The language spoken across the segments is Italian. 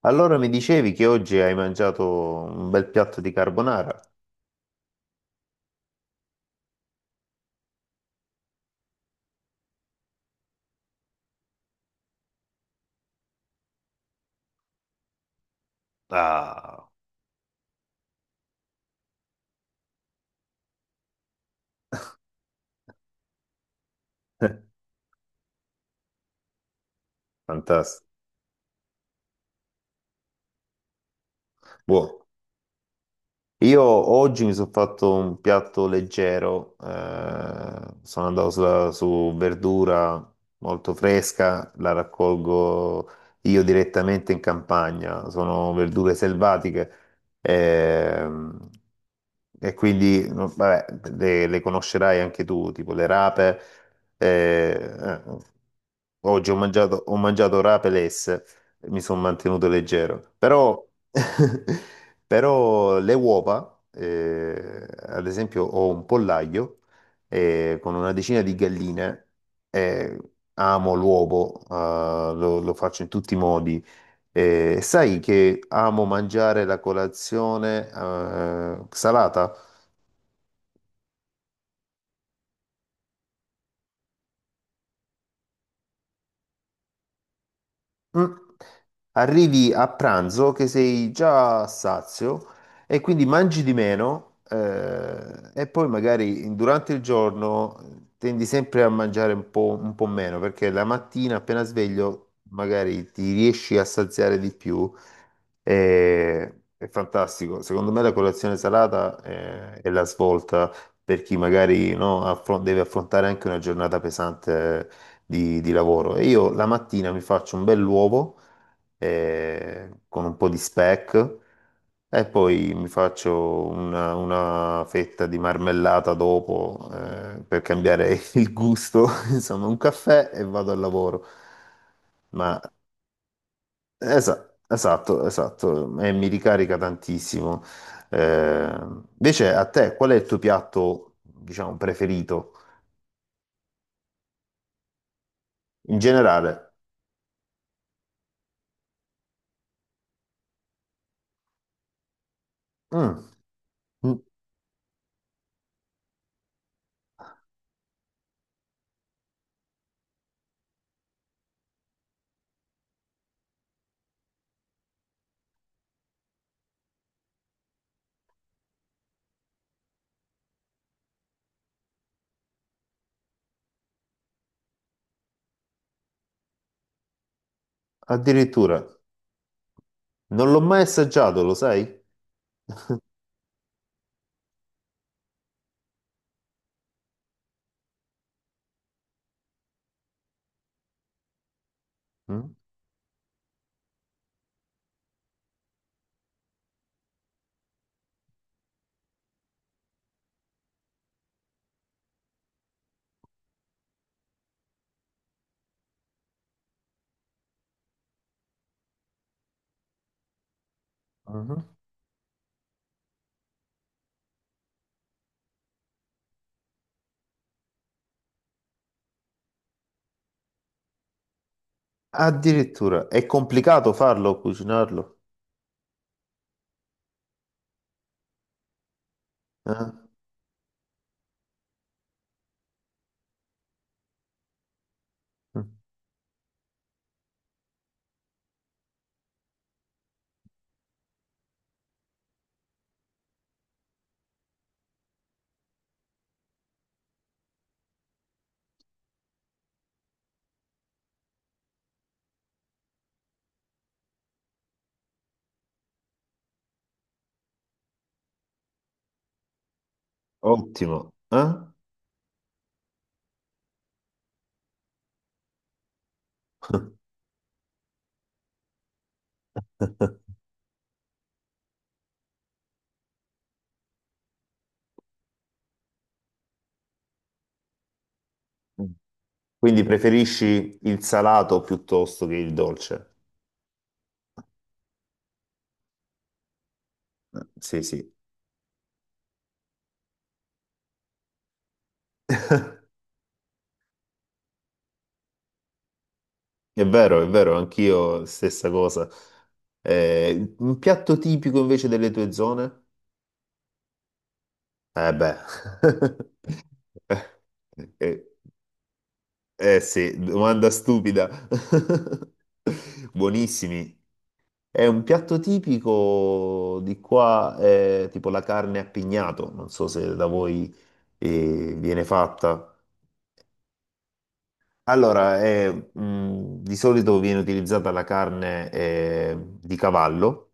Allora mi dicevi che oggi hai mangiato un bel piatto di carbonara? Ah, fantastico. Buono. Io oggi mi sono fatto un piatto leggero, sono andato su verdura molto fresca, la raccolgo io direttamente in campagna, sono verdure selvatiche ehm, e quindi no, vabbè, le conoscerai anche tu, tipo le rape. eh, eh, Oggi ho mangiato rapelesse e mi sono mantenuto leggero. Però, però le uova, ad esempio, ho un pollaio con una decina di galline. eh, Amo l'uovo, lo faccio in tutti i modi. Sai che amo mangiare la colazione salata? Mm. Arrivi a pranzo che sei già sazio e quindi mangi di meno, e poi magari durante il giorno, tendi sempre a mangiare un po' meno perché la mattina appena sveglio magari ti riesci a saziare di più. e- è fantastico. Secondo me la colazione salata è la svolta per chi magari no, deve affrontare anche una giornata pesante di lavoro. E io la mattina mi faccio un bell'uovo, con un po' di speck, e poi mi faccio una fetta di marmellata dopo, per cambiare il gusto, insomma, un caffè e vado al lavoro. Ma esatto, esatto, e mi ricarica tantissimo. Eh, invece a te, qual è il tuo piatto, diciamo, preferito in generale? Mm, mm, addirittura. Non l'ho mai assaggiato, lo sai? Mm? Mhm. Addirittura, è complicato farlo, cucinarlo? Eh? Mm. Ottimo. Eh? Mm. Quindi preferisci il salato piuttosto che il dolce? Sì, sì. È vero, anch'io stessa cosa. Un piatto tipico invece delle tue zone? Eh beh. Eh, eh, eh sì, domanda stupida. Buonissimi. È un piatto tipico di qua, è tipo la carne a pignato, non so se da voi viene fatta. Allora, è, di solito viene utilizzata la carne, di cavallo,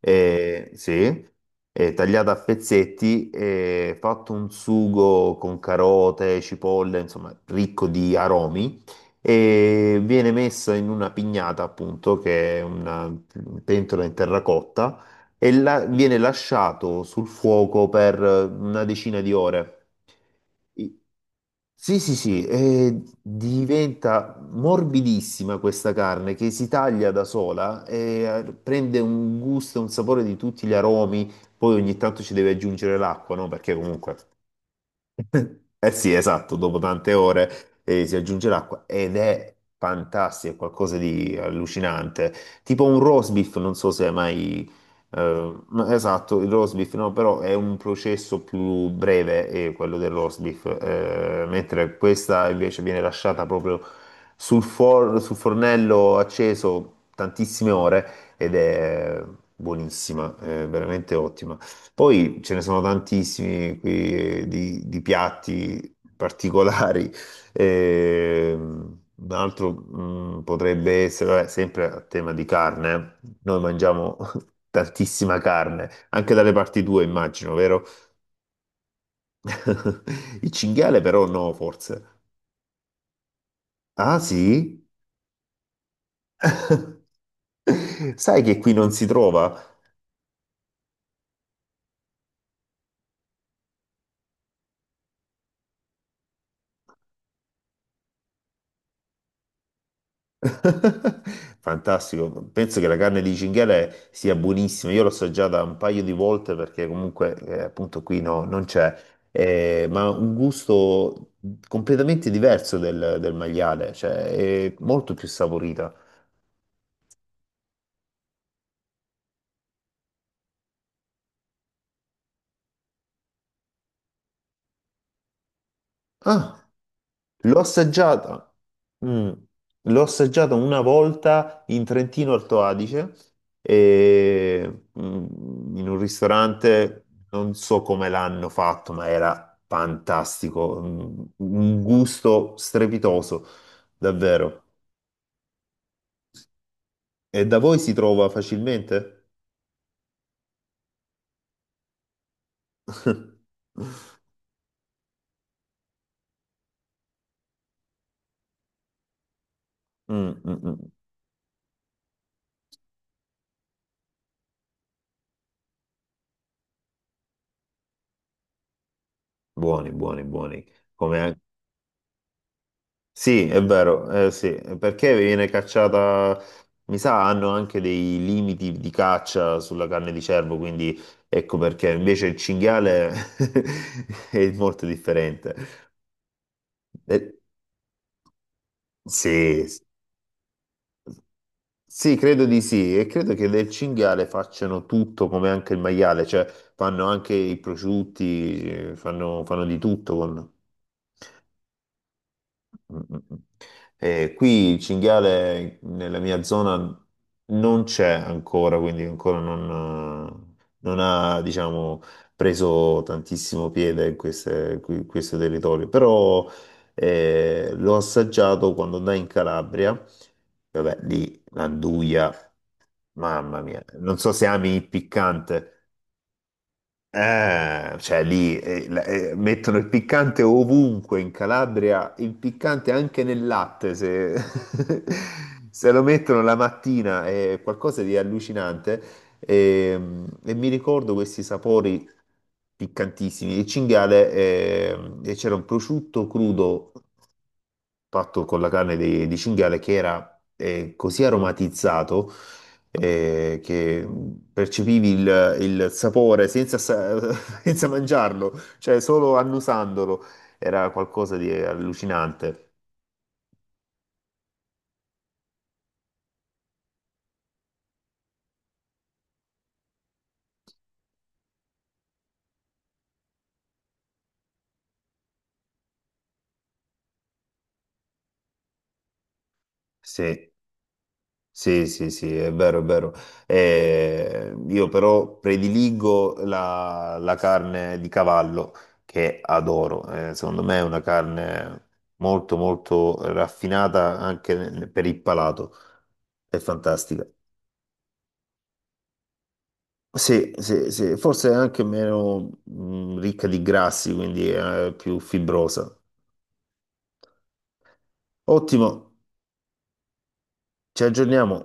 sì, è tagliata a pezzetti, è fatto un sugo con carote, cipolle, insomma, ricco di aromi, e viene messa in una pignata, appunto, che è una pentola in terracotta, e viene lasciato sul fuoco per, una decina di ore. I- Sì, sì, sì, e diventa morbidissima questa carne che si taglia da sola, e prende un gusto e un sapore di tutti gli aromi. Poi ogni tanto ci deve aggiungere l'acqua, no? Perché comunque eh sì, esatto, dopo tante ore, si aggiunge l'acqua ed è fantastico, è qualcosa di allucinante. Tipo un roast beef, non so se hai mai... no, esatto, il roast beef, no, però è un processo più breve, quello del roast beef, mentre questa invece viene lasciata proprio sul fornello acceso tantissime ore, ed è buonissima, è veramente ottima. Poi ce ne sono tantissimi qui, di piatti particolari. Un altro mm, potrebbe essere, vabbè, sempre a tema di carne, eh. Noi mangiamo tantissima carne, anche dalle parti tue immagino, vero? Il cinghiale però no, forse. Ah sì? Sai che qui non si trova? Fantastico, penso che la carne di cinghiale sia buonissima, io l'ho assaggiata un paio di volte perché comunque, appunto qui no, non c'è. Ma un gusto completamente diverso del maiale, cioè è molto più saporita. Ah. L'ho assaggiata, mm, l'ho assaggiata una volta in Trentino Alto Adige, e, mm, in un ristorante, non so come l'hanno fatto, ma era fantastico, mm, un gusto strepitoso, davvero. E da voi si trova facilmente? Mm, mm, mm. Buoni, buoni, buoni. Come, sì, è vero, sì, perché viene cacciata, mi sa, hanno anche dei limiti di caccia sulla carne di cervo, quindi ecco perché invece il cinghiale è molto differente. Eh, sì, sì, credo di sì, e credo che del cinghiale facciano tutto come anche il maiale, cioè fanno anche i prosciutti, fanno di tutto con... Mm, mm, mm. Qui il cinghiale nella mia zona non c'è ancora, quindi ancora non ha, diciamo, preso tantissimo piede in questo territorio, però l'ho assaggiato quando andai in Calabria, vabbè, lì l'anduia, mamma mia, non so se ami il piccante. Cioè lì mettono il piccante ovunque in Calabria, il piccante anche nel latte, se, se lo mettono la mattina è qualcosa di allucinante, e, e mi ricordo questi sapori piccantissimi. Il cinghiale, e c'era un prosciutto crudo fatto con la carne di cinghiale che era, così aromatizzato, che percepivi il sapore senza, senza mangiarlo, cioè solo annusandolo. Era qualcosa di allucinante. Sì. Sì, sì, sì, è vero, è vero. Io però prediligo la carne di cavallo che adoro. Secondo me è una carne molto, molto raffinata anche per il palato. È fantastica. Sì, sì, sì, forse è anche meno ricca di grassi, quindi è più fibrosa. Ottimo, ci aggiorniamo.